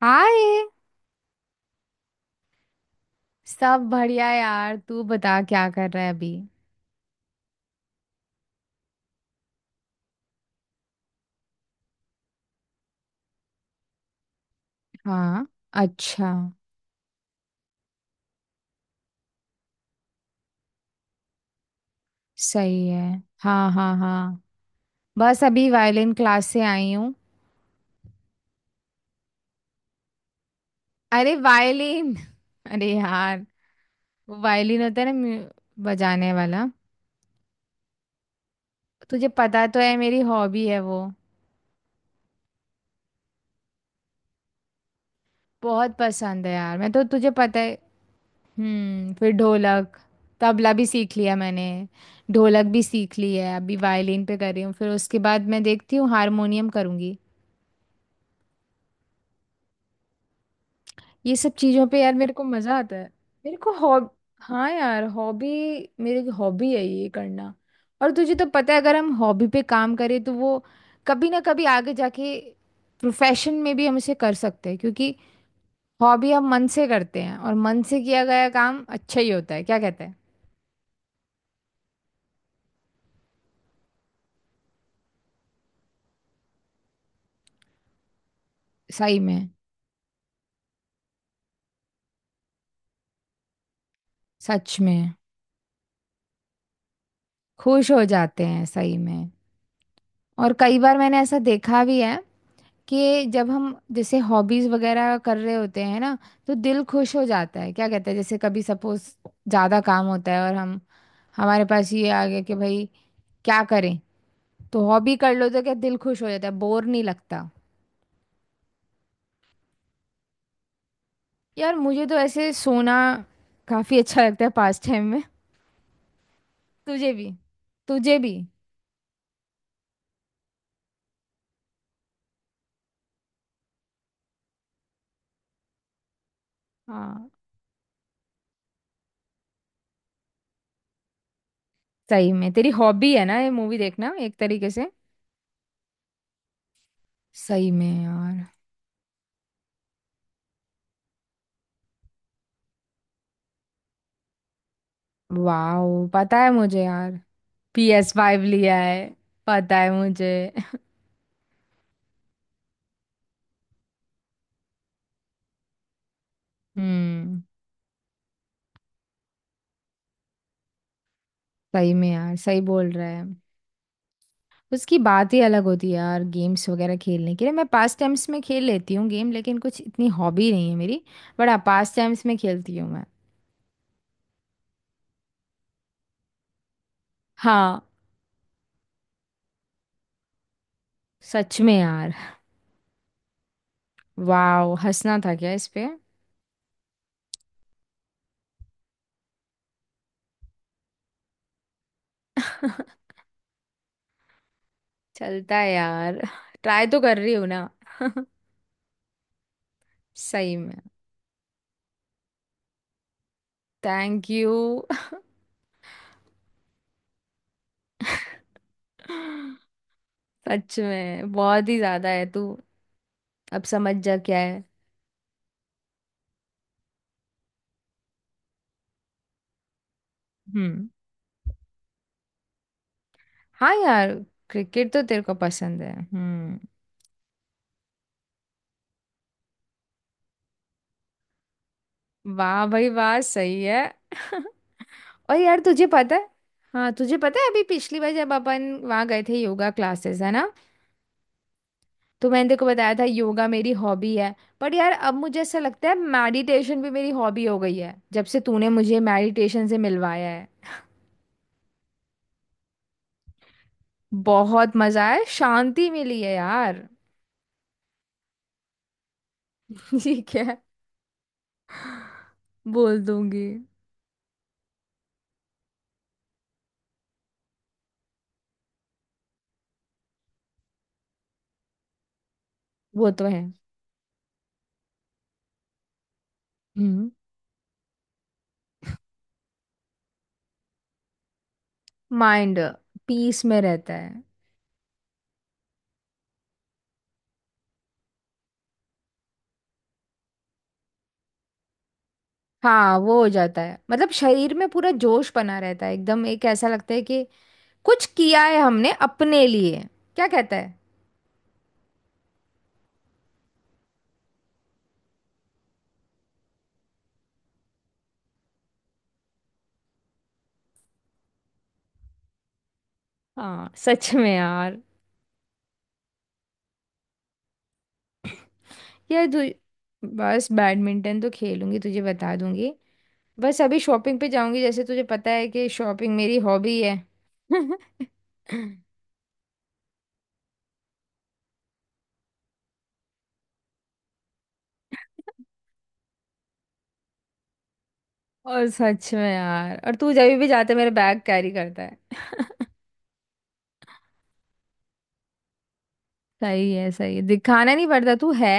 हाय। सब बढ़िया यार, तू बता क्या कर रहा है अभी। हाँ। अच्छा। सही है। हाँ, हाँ, हाँ। बस अभी वायलिन क्लास से आई हूँ। अरे वायलिन अरे यार। वो वायलिन होता है ना, बजाने वाला। तुझे पता तो है, मेरी हॉबी है वो। बहुत पसंद है यार, मैं तो, तुझे पता है। हम्म, फिर ढोलक। तबला भी सीख लिया मैंने। ढोलक भी सीख ली है, अभी वायलिन पे कर रही हूँ, फिर उसके बाद मैं देखती हूँ हारमोनियम करूँगी। ये सब चीजों पे यार मेरे को मजा आता है। मेरे को हॉब हाँ यार, हॉबी। मेरी हॉबी है ये करना। और तुझे तो पता है, अगर हम हॉबी पे काम करें तो वो कभी ना कभी आगे जाके प्रोफेशन में भी हम इसे कर सकते हैं, क्योंकि हॉबी हम मन से करते हैं, और मन से किया गया काम अच्छा ही होता है, क्या कहते हैं। सही में। सच में। खुश हो जाते हैं, सही में। और कई बार मैंने ऐसा देखा भी है कि जब हम जैसे हॉबीज वगैरह कर रहे होते हैं ना, तो दिल खुश हो जाता है, क्या कहते हैं, जैसे कभी सपोज ज्यादा काम होता है, और हम हमारे पास ये आ गया कि भाई क्या करें, तो हॉबी कर लो तो क्या दिल खुश हो जाता है, बोर नहीं लगता। यार मुझे तो ऐसे सोना काफी अच्छा लगता है, पास टाइम में। तुझे भी। तुझे भी। हाँ, सही में तेरी हॉबी है ना ये, मूवी देखना, एक तरीके से। सही में यार। वाह, पता है मुझे यार, PS5 लिया है। पता है मुझे। हम्म। सही में यार, सही बोल रहा है। उसकी बात ही अलग होती है यार, गेम्स वगैरह खेलने के लिए मैं पास टाइम्स में खेल लेती हूँ गेम, लेकिन कुछ इतनी हॉबी नहीं है मेरी। बट हाँ, पास टाइम्स में खेलती हूँ मैं। हाँ, सच में यार। वाओ, हंसना था क्या इस पे। चलता है यार, ट्राई तो कर रही हूँ ना। सही में, थैंक यू। सच में बहुत ही ज्यादा है तू, अब समझ जा क्या है। हम्म। हाँ यार, क्रिकेट तो तेरे को पसंद है। हम्म। वाह भाई वाह, सही है। और यार तुझे पता है। हाँ, तुझे पता है अभी, पिछली बार जब अपन वहाँ गए थे योगा क्लासेस है ना, तो मैंने तेको बताया था योगा मेरी हॉबी है। पर यार अब मुझे ऐसा लगता है, मेडिटेशन भी मेरी हॉबी हो गई है, जब से तूने मुझे मेडिटेशन से मिलवाया है। बहुत मजा आया, शांति मिली है यार। ठीक है, बोल दूंगी। वो तो है। हम्म। माइंड पीस में रहता है। हाँ, वो हो जाता है, मतलब शरीर में पूरा जोश बना रहता है एकदम, एक ऐसा लगता है कि कुछ किया है हमने अपने लिए, क्या कहता है। हाँ, सच में यार। ये तू बस, बैडमिंटन तो खेलूंगी तुझे बता दूंगी। बस अभी शॉपिंग पे जाऊंगी, जैसे तुझे पता है कि शॉपिंग मेरी हॉबी है। और सच में यार, और तू जब भी जाते मेरा बैग कैरी करता है। सही है, सही है, दिखाना नहीं पड़ता, तू है।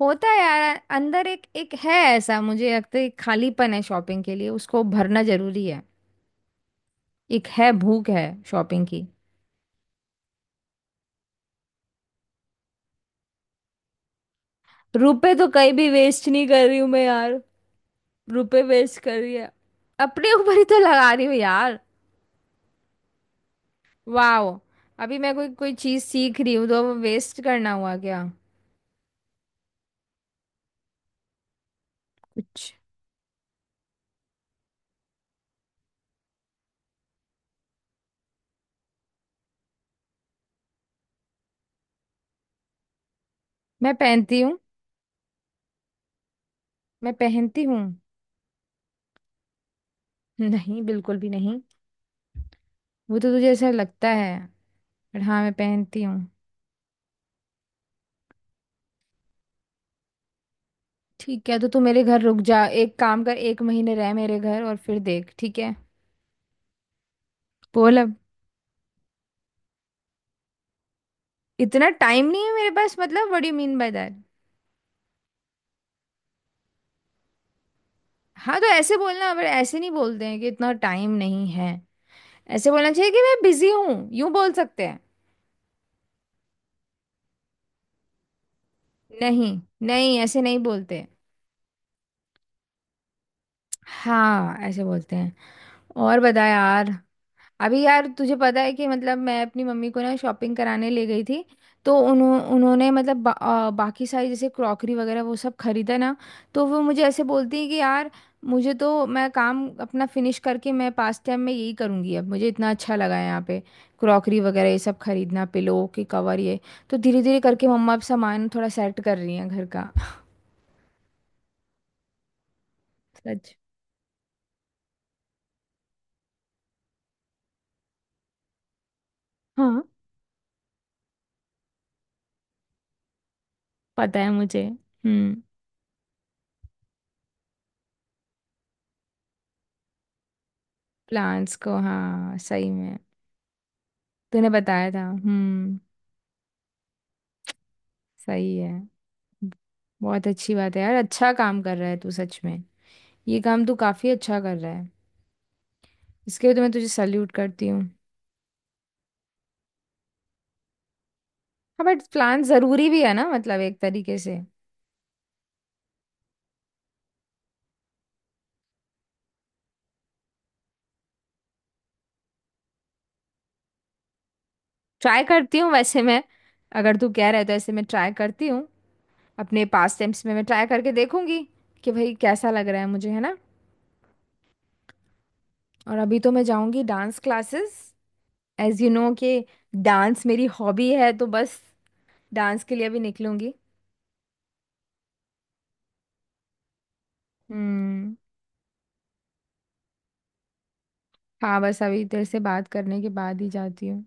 होता है यार, अंदर एक एक है ऐसा मुझे लगता है, एक खालीपन है शॉपिंग के लिए, उसको भरना जरूरी है। एक है, भूख है शॉपिंग की। रुपए तो कहीं भी वेस्ट नहीं कर रही हूँ मैं यार। रुपए वेस्ट कर रही है। अपने ऊपर ही तो लगा रही हूँ यार। वाह। अभी मैं कोई कोई चीज सीख रही हूँ तो वेस्ट करना हुआ क्या। कुछ। मैं पहनती हूँ। मैं पहनती हूँ। नहीं, बिल्कुल भी नहीं। वो तो तुझे ऐसा लगता है। पर हाँ, मैं पहनती हूँ। ठीक है, तो तू मेरे घर रुक जा, एक काम कर, एक महीने रह मेरे घर और फिर देख, ठीक है। बोल अब। इतना टाइम नहीं है मेरे पास मतलब, what do you mean by that. हाँ, तो ऐसे बोलना, पर ऐसे नहीं बोलते हैं कि इतना टाइम नहीं है। ऐसे बोलना चाहिए कि मैं बिजी हूँ, यूं बोल सकते हैं। नहीं, नहीं ऐसे नहीं बोलते। हाँ, ऐसे बोलते हैं। और बता यार। अभी यार तुझे पता है कि मतलब मैं अपनी मम्मी को ना शॉपिंग कराने ले गई थी। तो उन्होंने मतलब बाकी सारी जैसे क्रॉकरी वगैरह वो सब खरीदा ना। तो वो मुझे ऐसे बोलती है कि यार मुझे तो, मैं काम अपना फिनिश करके मैं पास टाइम में यही करूँगी, अब मुझे इतना अच्छा लगा है यहाँ पे, क्रॉकरी वगैरह ये सब खरीदना, पिलो के कवर, ये। तो धीरे धीरे करके मम्मा अब सामान थोड़ा सेट कर रही हैं घर का। सच। हाँ, पता है मुझे। हम्म। प्लान्स को, हाँ सही में। तूने बताया था। हम्म। सही है, बहुत अच्छी बात है यार, अच्छा काम कर रहा है तू सच में। ये काम तू काफी अच्छा कर रहा है। इसके लिए तो मैं तुझे सल्यूट करती हूँ। हाँ बट प्लान जरूरी भी है ना, मतलब एक तरीके से। ट्राई करती हूँ वैसे मैं। अगर तू कह रहा है तो ऐसे मैं ट्राई करती हूँ, अपने पास टाइम्स में मैं ट्राई करके देखूंगी कि भाई कैसा लग रहा है मुझे, है ना। और अभी तो मैं जाऊंगी dance classes, as you know कि डांस मेरी हॉबी है, तो बस डांस के लिए भी निकलूंगी। हम्म। हाँ बस अभी तेरे से बात करने के बाद ही जाती हूँ।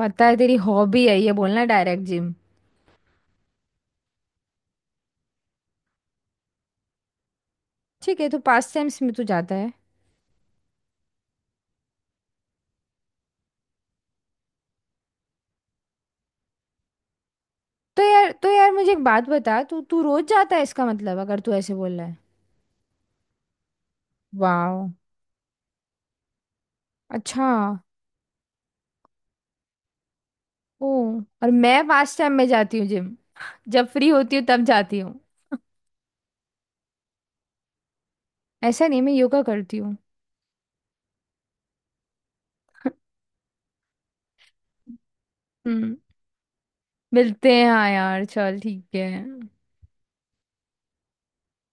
पता है, तेरी हॉबी है ये बोलना, डायरेक्ट जिम। ठीक है, तो पास टाइम्स में तू जाता है। तो यार मुझे एक बात बता, तू तू रोज जाता है इसका मतलब, अगर तू ऐसे बोल रहा है। वाह। अच्छा। ओ, और मैं पास टाइम में जाती हूँ जिम, जब फ्री होती हूँ तब जाती हूँ। ऐसा नहीं, मैं योगा करती हूँ। हम्म। मिलते हैं हाँ यार, चल ठीक है।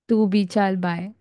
तू भी, चल बाय।